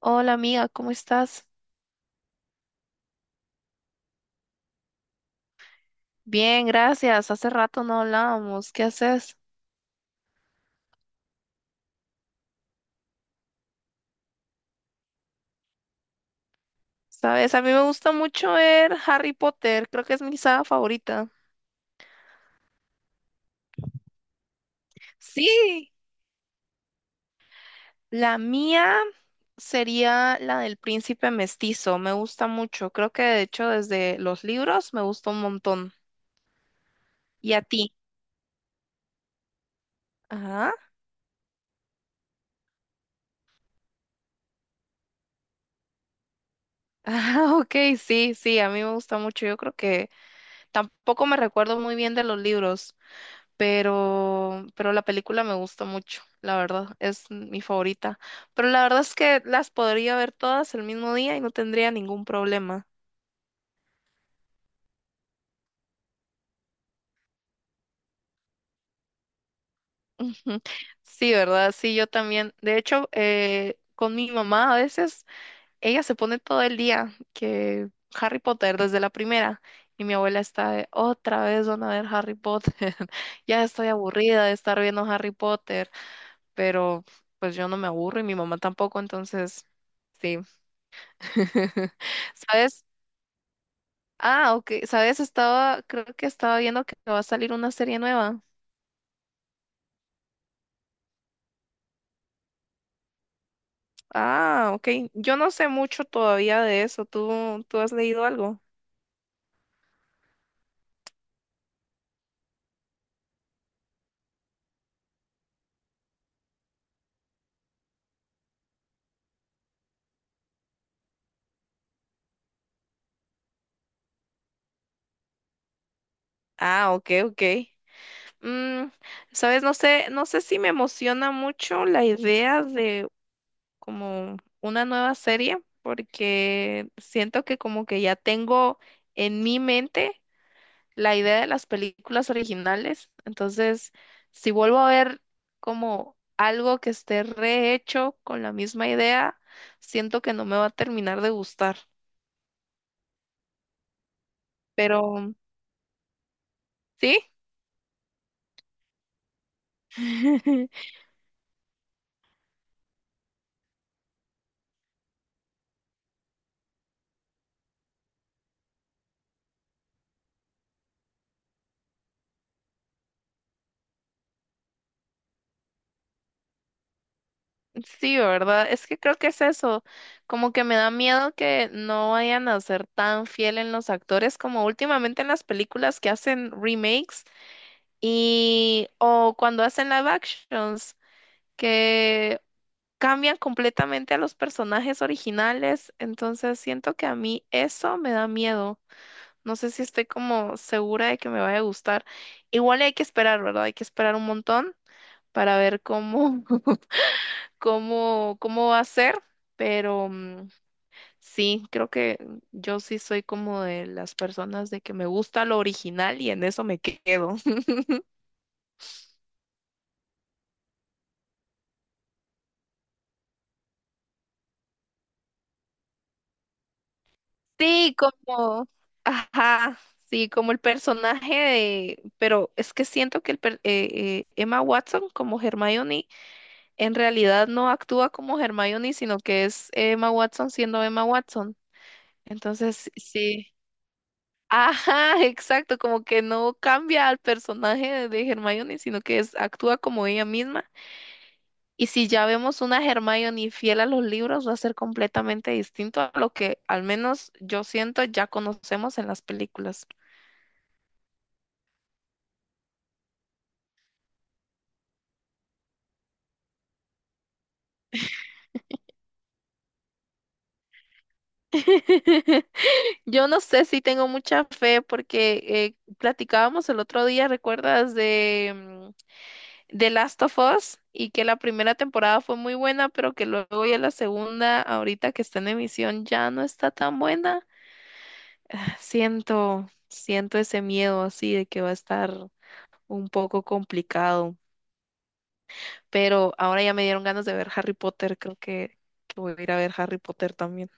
Hola amiga, ¿cómo estás? Bien, gracias. Hace rato no hablábamos. ¿Qué haces? Sabes, a mí me gusta mucho ver Harry Potter. Creo que es mi saga favorita. Sí, la mía sería la del príncipe mestizo. Me gusta mucho. Creo que de hecho desde los libros me gusta un montón. ¿Y a ti? Ajá. Ah, ok, sí, sí, a mí me gusta mucho. Yo creo que tampoco me recuerdo muy bien de los libros, pero la película me gusta mucho, la verdad, es mi favorita. Pero la verdad es que las podría ver todas el mismo día y no tendría ningún problema. Ujú. Sí, ¿verdad? Sí, yo también. De hecho, con mi mamá a veces, ella se pone todo el día que Harry Potter desde la primera. Y mi abuela está de, otra vez van a ver Harry Potter. Ya estoy aburrida de estar viendo Harry Potter, pero pues yo no me aburro y mi mamá tampoco, entonces sí. ¿Sabes? Ah, ok. ¿Sabes? Estaba, creo que estaba viendo que va a salir una serie nueva. Ah, ok. Yo no sé mucho todavía de eso. ¿Tú has leído algo? Ah, ok, ok. Mm, ¿sabes? No sé, no sé si me emociona mucho la idea de como una nueva serie, porque siento que como que ya tengo en mi mente la idea de las películas originales. Entonces, si vuelvo a ver como algo que esté rehecho con la misma idea, siento que no me va a terminar de gustar. Pero sí, sí, ¿verdad? Es que creo que es eso. Como que me da miedo que no vayan a ser tan fiel en los actores como últimamente en las películas que hacen remakes y o cuando hacen live actions, que cambian completamente a los personajes originales, entonces siento que a mí eso me da miedo. No sé si estoy como segura de que me vaya a gustar. Igual hay que esperar, ¿verdad? Hay que esperar un montón para ver cómo, cómo, cómo va a ser, pero mm, sí, creo que yo sí soy como de las personas de que me gusta lo original y en eso me quedo. Sí, como, ajá, sí, como el personaje de, pero es que siento que el, Emma Watson como Hermione en realidad no actúa como Hermione, sino que es Emma Watson siendo Emma Watson. Entonces, sí, ajá, exacto, como que no cambia al personaje de, Hermione, sino que es, actúa como ella misma. Y si ya vemos una Hermione fiel a los libros, va a ser completamente distinto a lo que al menos yo siento ya conocemos en las películas. Yo no sé si tengo mucha fe porque platicábamos el otro día, ¿recuerdas de, mm, The Last of Us? Y que la primera temporada fue muy buena, pero que luego ya la segunda, ahorita que está en emisión, ya no está tan buena. Siento ese miedo así de que va a estar un poco complicado. Pero ahora ya me dieron ganas de ver Harry Potter, creo que voy a ir a ver Harry Potter también.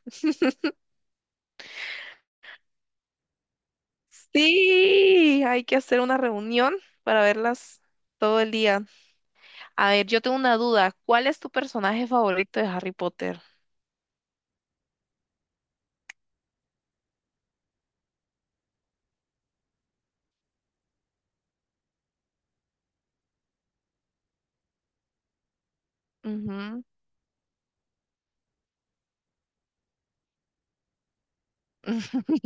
Sí, hay que hacer una reunión para verlas todo el día. A ver, yo tengo una duda. ¿Cuál es tu personaje favorito de Harry Potter? Ujú.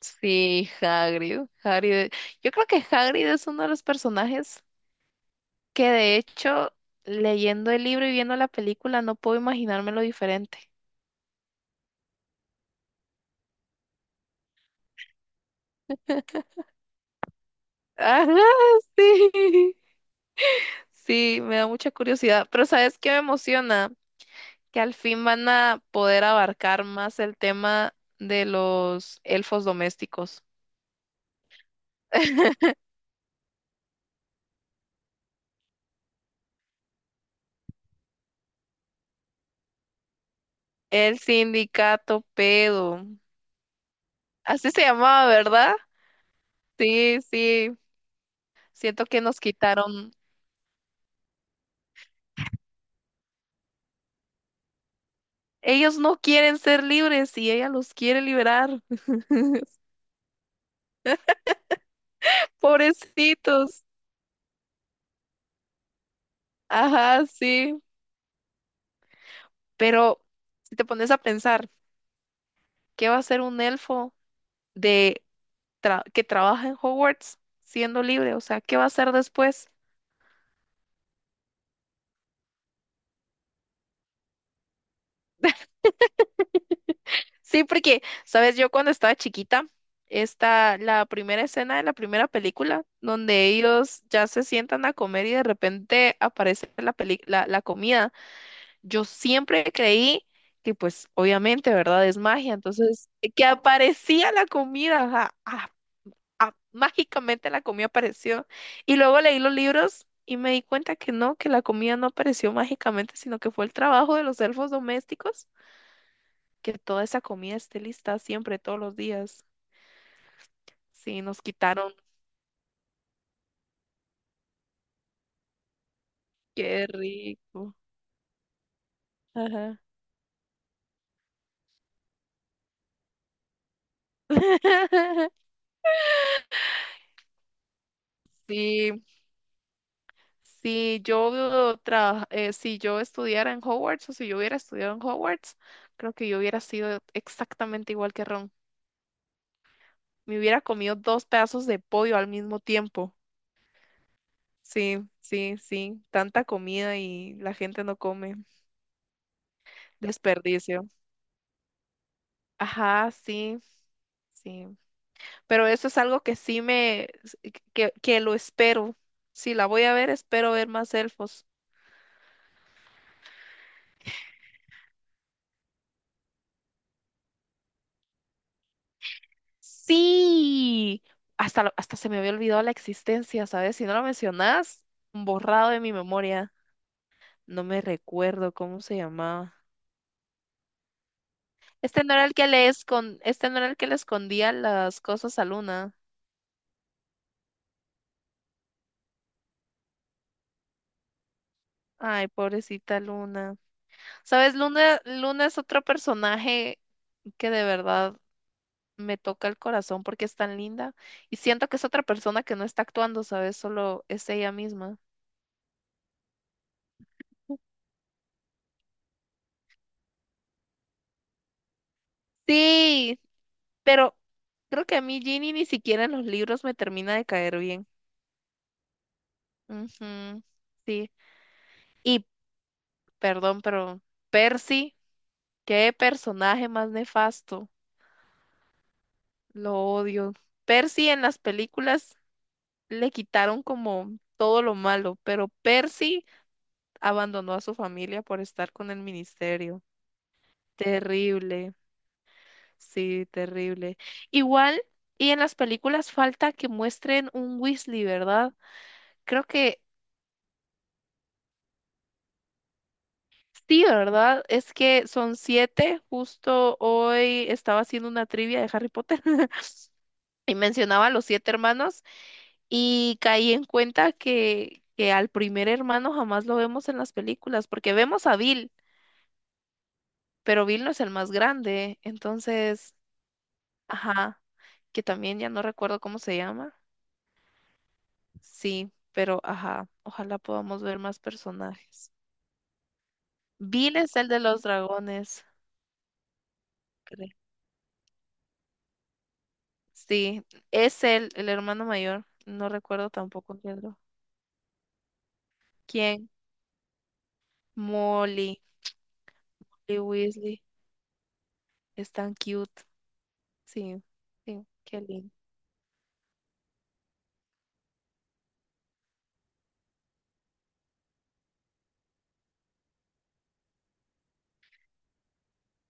Sí, Hagrid. Hagrid. Yo creo que Hagrid es uno de los personajes que de hecho, leyendo el libro y viendo la película, no puedo imaginármelo diferente. Ajá, sí. Sí, me da mucha curiosidad. Pero ¿sabes qué me emociona? Que al fin van a poder abarcar más el tema de los elfos domésticos. El sindicato pedo. Así se llamaba, ¿verdad? Sí, sí. Siento que nos quitaron. Ellos no quieren ser libres y ella los quiere liberar. Pobrecitos. Ajá, sí. Pero si te pones a pensar, ¿qué va a hacer un elfo de que trabaja en Hogwarts siendo libre? O sea, ¿qué va a hacer después? Sí, porque, sabes, yo cuando estaba chiquita, está la primera escena de la primera película, donde ellos ya se sientan a comer y de repente aparece la la comida. Yo siempre creí que, pues, obviamente, ¿verdad? Es magia. Entonces, que aparecía la comida, ajá, ah, ah, mágicamente la comida apareció. Y luego leí los libros y me di cuenta que no, que la comida no apareció mágicamente, sino que fue el trabajo de los elfos domésticos, que toda esa comida esté lista siempre, todos los días. Sí, nos quitaron. Qué rico. Ajá. Sí, si yo si yo estudiara en Hogwarts o si yo hubiera estudiado en Hogwarts, creo que yo hubiera sido exactamente igual que Ron. Me hubiera comido dos pedazos de pollo al mismo tiempo. Sí, sí, sí. Tanta comida y la gente no come. Desperdicio. Ajá, sí, sí. Pero eso es algo que sí que lo espero. Si la voy a ver, espero ver más elfos. Sí, hasta se me había olvidado la existencia, ¿sabes? Si no lo mencionas, borrado de mi memoria. No me recuerdo cómo se llamaba. Este no era el que le escon- este no era el que le escondía las cosas a Luna. Ay, pobrecita Luna. ¿Sabes? Luna es otro personaje que de verdad me toca el corazón porque es tan linda y siento que es otra persona que no está actuando, ¿sabes? Solo es ella misma. Sí, pero creo que a mí Ginny ni siquiera en los libros me termina de caer bien. Ujú, sí. Y, perdón, pero Percy, qué personaje más nefasto. Lo odio. Percy en las películas le quitaron como todo lo malo, pero Percy abandonó a su familia por estar con el ministerio. Terrible. Sí, terrible. Igual, y en las películas falta que muestren un Weasley, ¿verdad? Creo que sí, ¿verdad? Es que son siete. Justo hoy estaba haciendo una trivia de Harry Potter y mencionaba a los siete hermanos y caí en cuenta que al primer hermano jamás lo vemos en las películas, porque vemos a Bill, pero Bill no es el más grande. Entonces, ajá, que también ya no recuerdo cómo se llama. Sí, pero ajá, ojalá podamos ver más personajes. Bill es el de los dragones, creo. Sí, es el hermano mayor. No recuerdo tampoco el otro. ¿Quién? Molly y Weasley. Es tan cute. Sí, sí, qué lindo.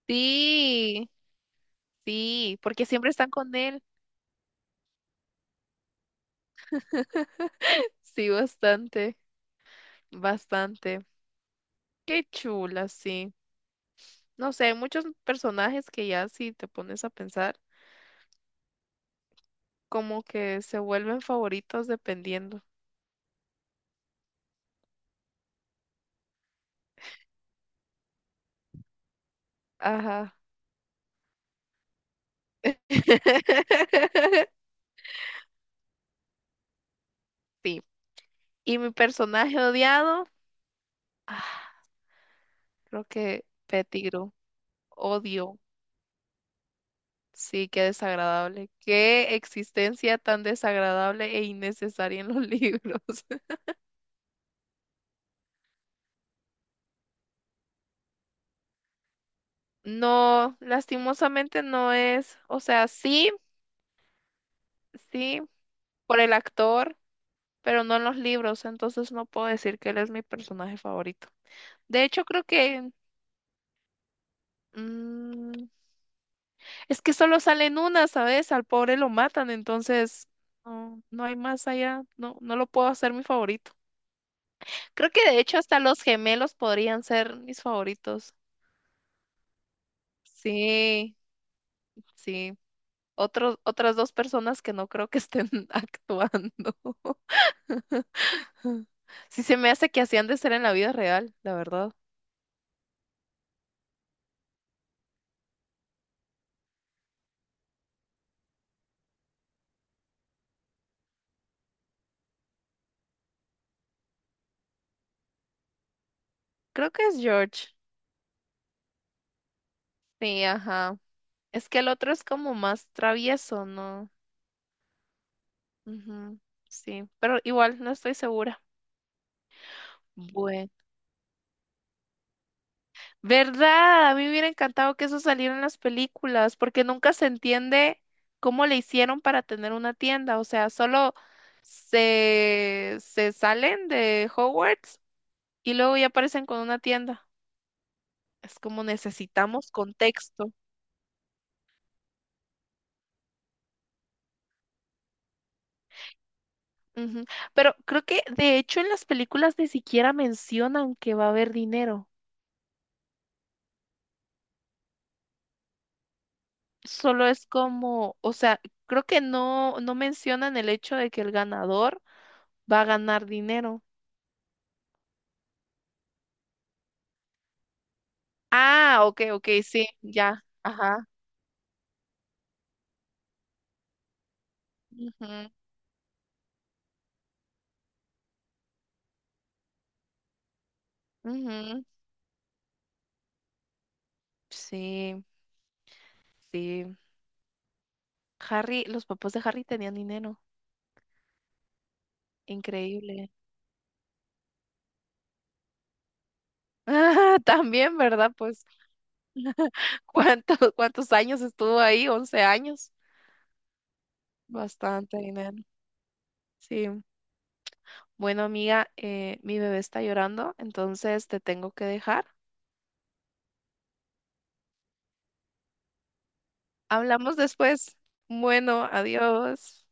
Sí, sí, porque siempre están con él. Sí, bastante, bastante. Qué chula, sí. No sé, hay muchos personajes que ya si te pones a pensar, como que se vuelven favoritos dependiendo. Ajá. Sí. Y mi personaje odiado, ah, creo que Pettigrew. Odio. Sí, qué desagradable. Qué existencia tan desagradable e innecesaria en los libros. No, lastimosamente no es. O sea, sí, sí, por el actor, pero no en los libros. Entonces no puedo decir que él es mi personaje favorito. De hecho, creo que mm, es que solo salen una, ¿sabes? Al pobre lo matan, entonces no, no hay más allá. No, no lo puedo hacer mi favorito. Creo que de hecho hasta los gemelos podrían ser mis favoritos. Sí, sí. Otros, otras dos personas que no creo que estén actuando. Sí, se me hace que hacían de ser en la vida real, la verdad. Creo que es George. Sí, ajá. Es que el otro es como más travieso, ¿no? Ujú, sí, pero igual no estoy segura. Bueno. ¿Verdad? A mí me hubiera encantado que eso saliera en las películas, porque nunca se entiende cómo le hicieron para tener una tienda. O sea, solo se salen de Hogwarts y luego ya aparecen con una tienda. Es como necesitamos contexto. Ujú. Pero creo que de hecho en las películas ni siquiera mencionan que va a haber dinero. Solo es como, o sea, creo que no, no mencionan el hecho de que el ganador va a ganar dinero. Ah, ok, ok, sí, ya. Ajá. Ujú, ujú. Sí, sí. Harry, los papás de Harry tenían dinero. Increíble. también, ¿verdad? Pues, ¿cuántos, cuántos años estuvo ahí? 11 años. Bastante dinero. Sí. Bueno, amiga, mi bebé está llorando, entonces te tengo que dejar. Hablamos después. Bueno, adiós.